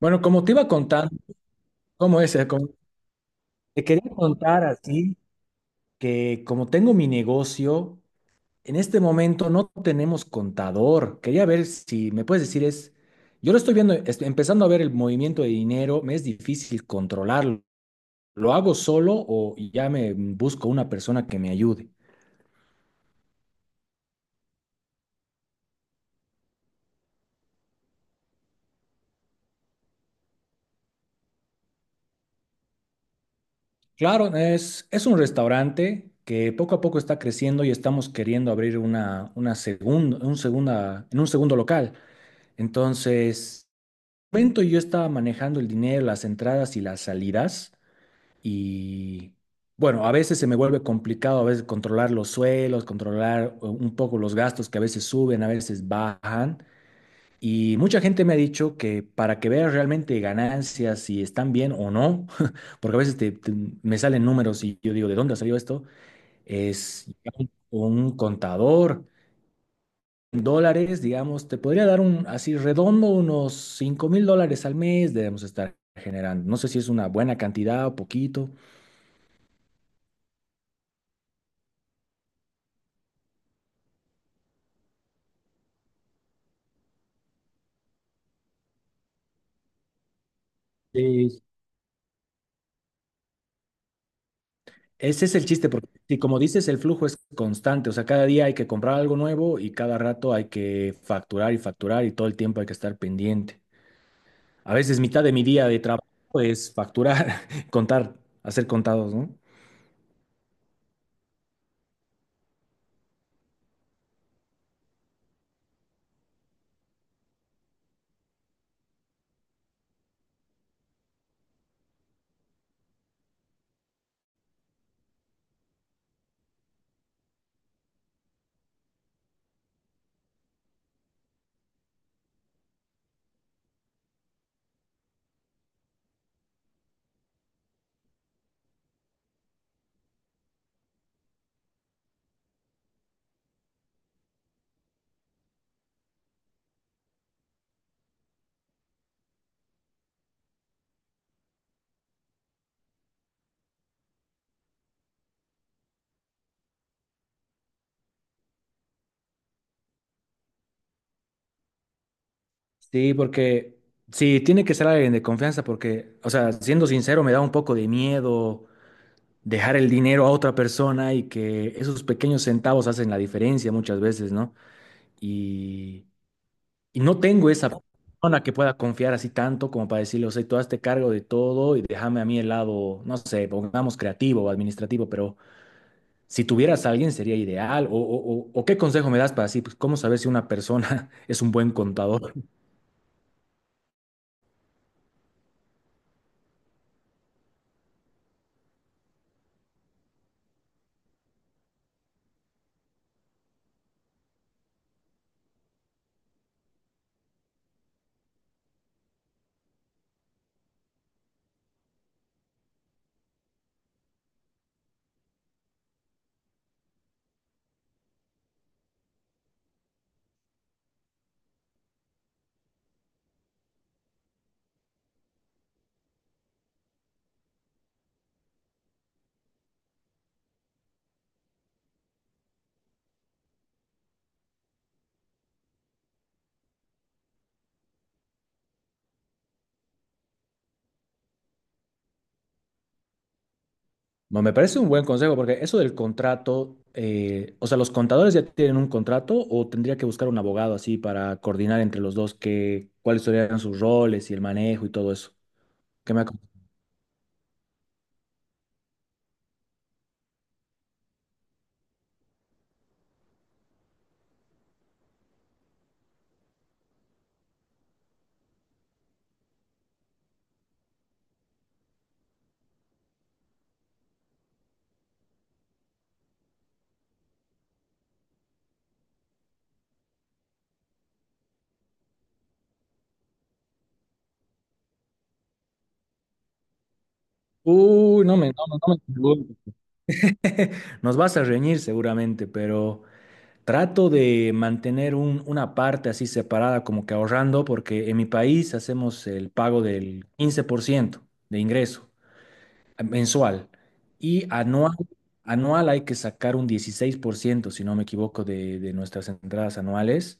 Bueno, como te iba contando, ¿cómo es? Te quería contar así que como tengo mi negocio, en este momento no tenemos contador. Quería ver si me puedes decir es, yo lo estoy viendo, estoy empezando a ver el movimiento de dinero, me es difícil controlarlo. ¿Lo hago solo o ya me busco una persona que me ayude? Claro, es un restaurante que poco a poco está creciendo y estamos queriendo abrir una segunda, un segunda, en un segundo local. Entonces, momento yo estaba manejando el dinero, las entradas y las salidas y bueno, a veces se me vuelve complicado, a veces controlar los suelos, controlar un poco los gastos que a veces suben, a veces bajan. Y mucha gente me ha dicho que para que veas realmente ganancias, si están bien o no, porque a veces me salen números y yo digo, ¿de dónde salió esto? Es un un contador. En dólares, digamos, te podría dar un, así redondo, unos 5000 dólares al mes debemos estar generando. No sé si es una buena cantidad o poquito. Sí, ese es el chiste, porque si como dices, el flujo es constante, o sea, cada día hay que comprar algo nuevo y cada rato hay que facturar y facturar y todo el tiempo hay que estar pendiente. A veces mitad de mi día de trabajo es facturar, contar, hacer contados, ¿no? Sí, porque sí, tiene que ser alguien de confianza porque, o sea, siendo sincero, me da un poco de miedo dejar el dinero a otra persona y que esos pequeños centavos hacen la diferencia muchas veces, ¿no? Y, y no tengo esa persona que pueda confiar así tanto como para decirle, o sea, tú hazte cargo de todo y déjame a mí el lado, no sé, pongamos creativo o administrativo, pero si tuvieras a alguien sería ideal. ¿O qué consejo me das para así, pues, ¿cómo saber si una persona es un buen contador? Me parece un buen consejo porque eso del contrato, o sea, ¿los contadores ya tienen un contrato o tendría que buscar un abogado así para coordinar entre los dos que, cuáles serían sus roles y el manejo y todo eso? ¿Qué me acon- Uy, no me preguntes. Nos vas a reñir seguramente, pero trato de mantener una parte así separada como que ahorrando porque en mi país hacemos el pago del 15% de ingreso mensual. Y anual, anual hay que sacar un 16% si no me equivoco, de nuestras entradas anuales.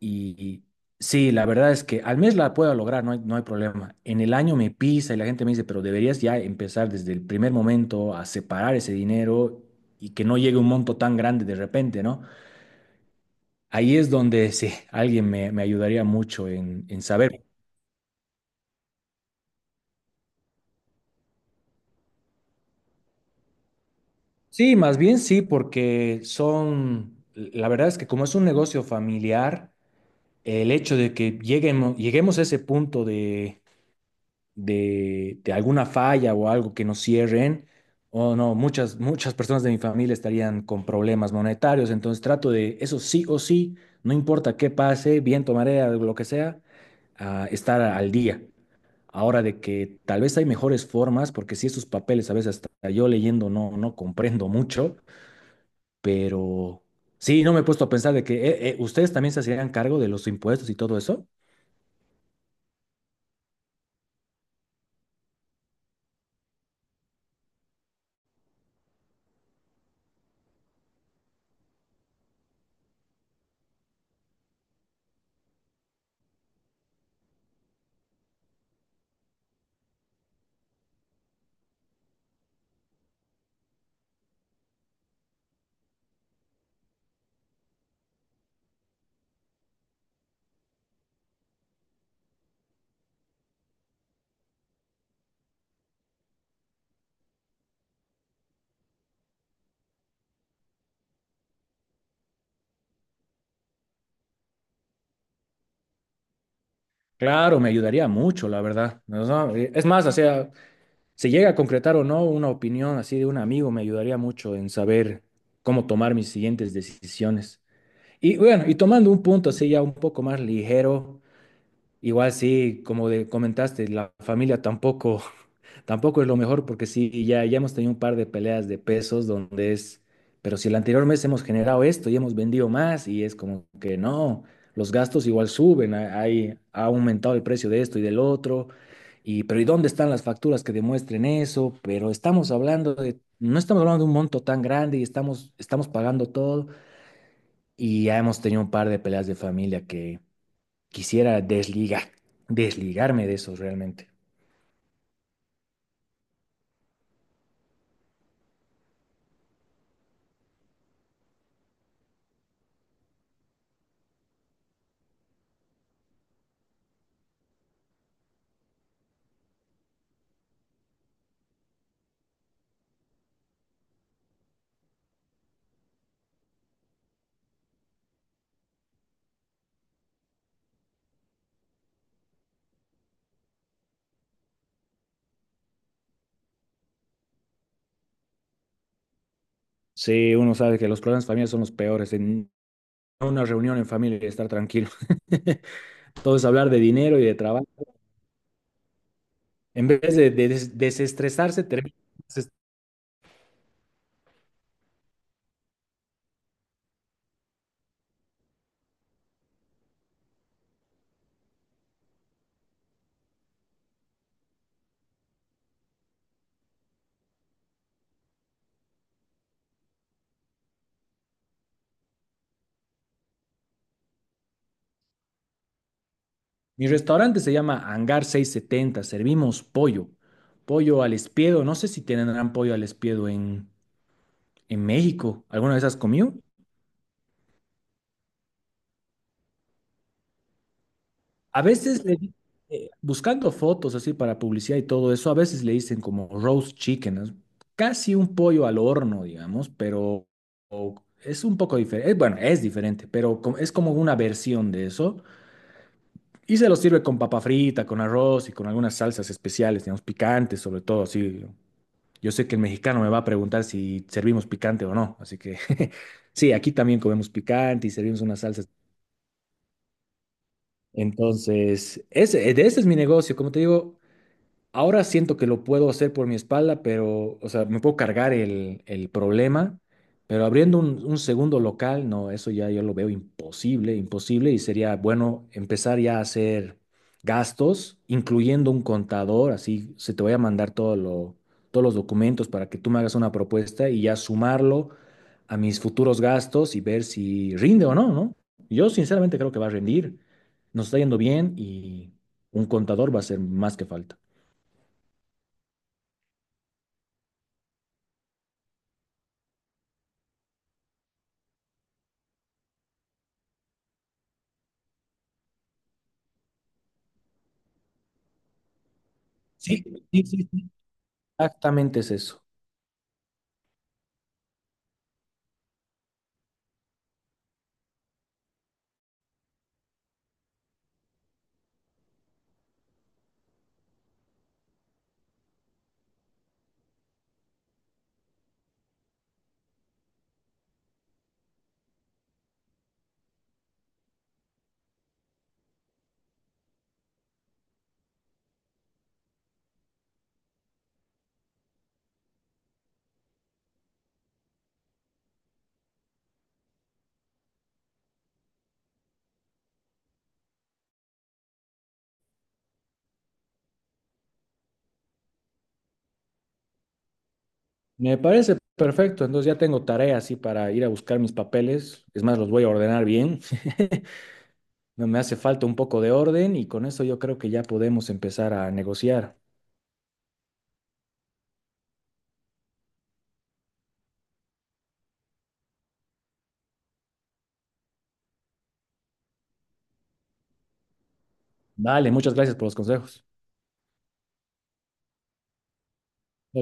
Y sí, la verdad es que al mes la puedo lograr, no hay problema. En el año me pisa y la gente me dice, pero deberías ya empezar desde el primer momento a separar ese dinero y que no llegue un monto tan grande de repente, ¿no? Ahí es donde sí, alguien me ayudaría mucho en saber. Sí, más bien sí, porque son, la verdad es que como es un negocio familiar, el hecho de que lleguemos a ese punto de alguna falla o algo que nos cierren, o no, muchas personas de mi familia estarían con problemas monetarios, entonces trato de eso sí o sí, no importa qué pase, viento, marea, lo que sea, a estar al día. Ahora de que tal vez hay mejores formas, porque si esos papeles a veces hasta yo leyendo no, no comprendo mucho, pero sí, no me he puesto a pensar de que ustedes también se hacían cargo de los impuestos y todo eso. Claro, me ayudaría mucho, la verdad. No, no, es más, o sea, si llega a concretar o no una opinión así de un amigo, me ayudaría mucho en saber cómo tomar mis siguientes decisiones. Y bueno, y tomando un punto así ya un poco más ligero, igual sí, como comentaste, la familia tampoco tampoco es lo mejor porque sí, ya, ya hemos tenido un par de peleas de pesos donde es, pero si el anterior mes hemos generado esto y hemos vendido más y es como que no, los gastos igual suben, hay, ha aumentado el precio de esto y del otro, y pero ¿y dónde están las facturas que demuestren eso? Pero estamos hablando de, no estamos hablando de un monto tan grande y estamos pagando todo y ya hemos tenido un par de peleas de familia que quisiera desligarme de eso realmente. Sí, uno sabe que los problemas familiares son los peores. Una reunión en familia y estar tranquilo. Todo es hablar de dinero y de trabajo. En vez de desestresarse. Mi restaurante se llama Hangar 670. Servimos pollo, pollo al espiedo. No sé si tienen pollo al espiedo en México. ¿Alguna vez has comido? A veces le di- buscando fotos así para publicidad y todo eso, a veces le dicen como roast chicken, es casi un pollo al horno, digamos, pero o- es un poco diferente. Bueno, es diferente, pero es como una versión de eso. Y se lo sirve con papa frita, con arroz y con algunas salsas especiales, digamos, picantes, sobre todo. Así, yo sé que el mexicano me va a preguntar si servimos picante o no, así que sí, aquí también comemos picante y servimos unas salsas. Entonces, ese, de ese es mi negocio. Como te digo, ahora siento que lo puedo hacer por mi espalda, pero, o sea, me puedo cargar el problema, pero abriendo un segundo local, no, eso ya yo lo veo imposible, imposible, y sería bueno empezar ya a hacer gastos, incluyendo un contador, así se te voy a mandar todos los documentos para que tú me hagas una propuesta y ya sumarlo a mis futuros gastos y ver si rinde o no, ¿no? Yo sinceramente creo que va a rendir, nos está yendo bien y un contador va a ser más que falta. Sí, sí, sí, sí, exactamente es eso. Me parece perfecto. Entonces ya tengo tarea así para ir a buscar mis papeles. Es más, los voy a ordenar bien. No me hace falta un poco de orden y con eso yo creo que ya podemos empezar a negociar. Vale, muchas gracias por los consejos.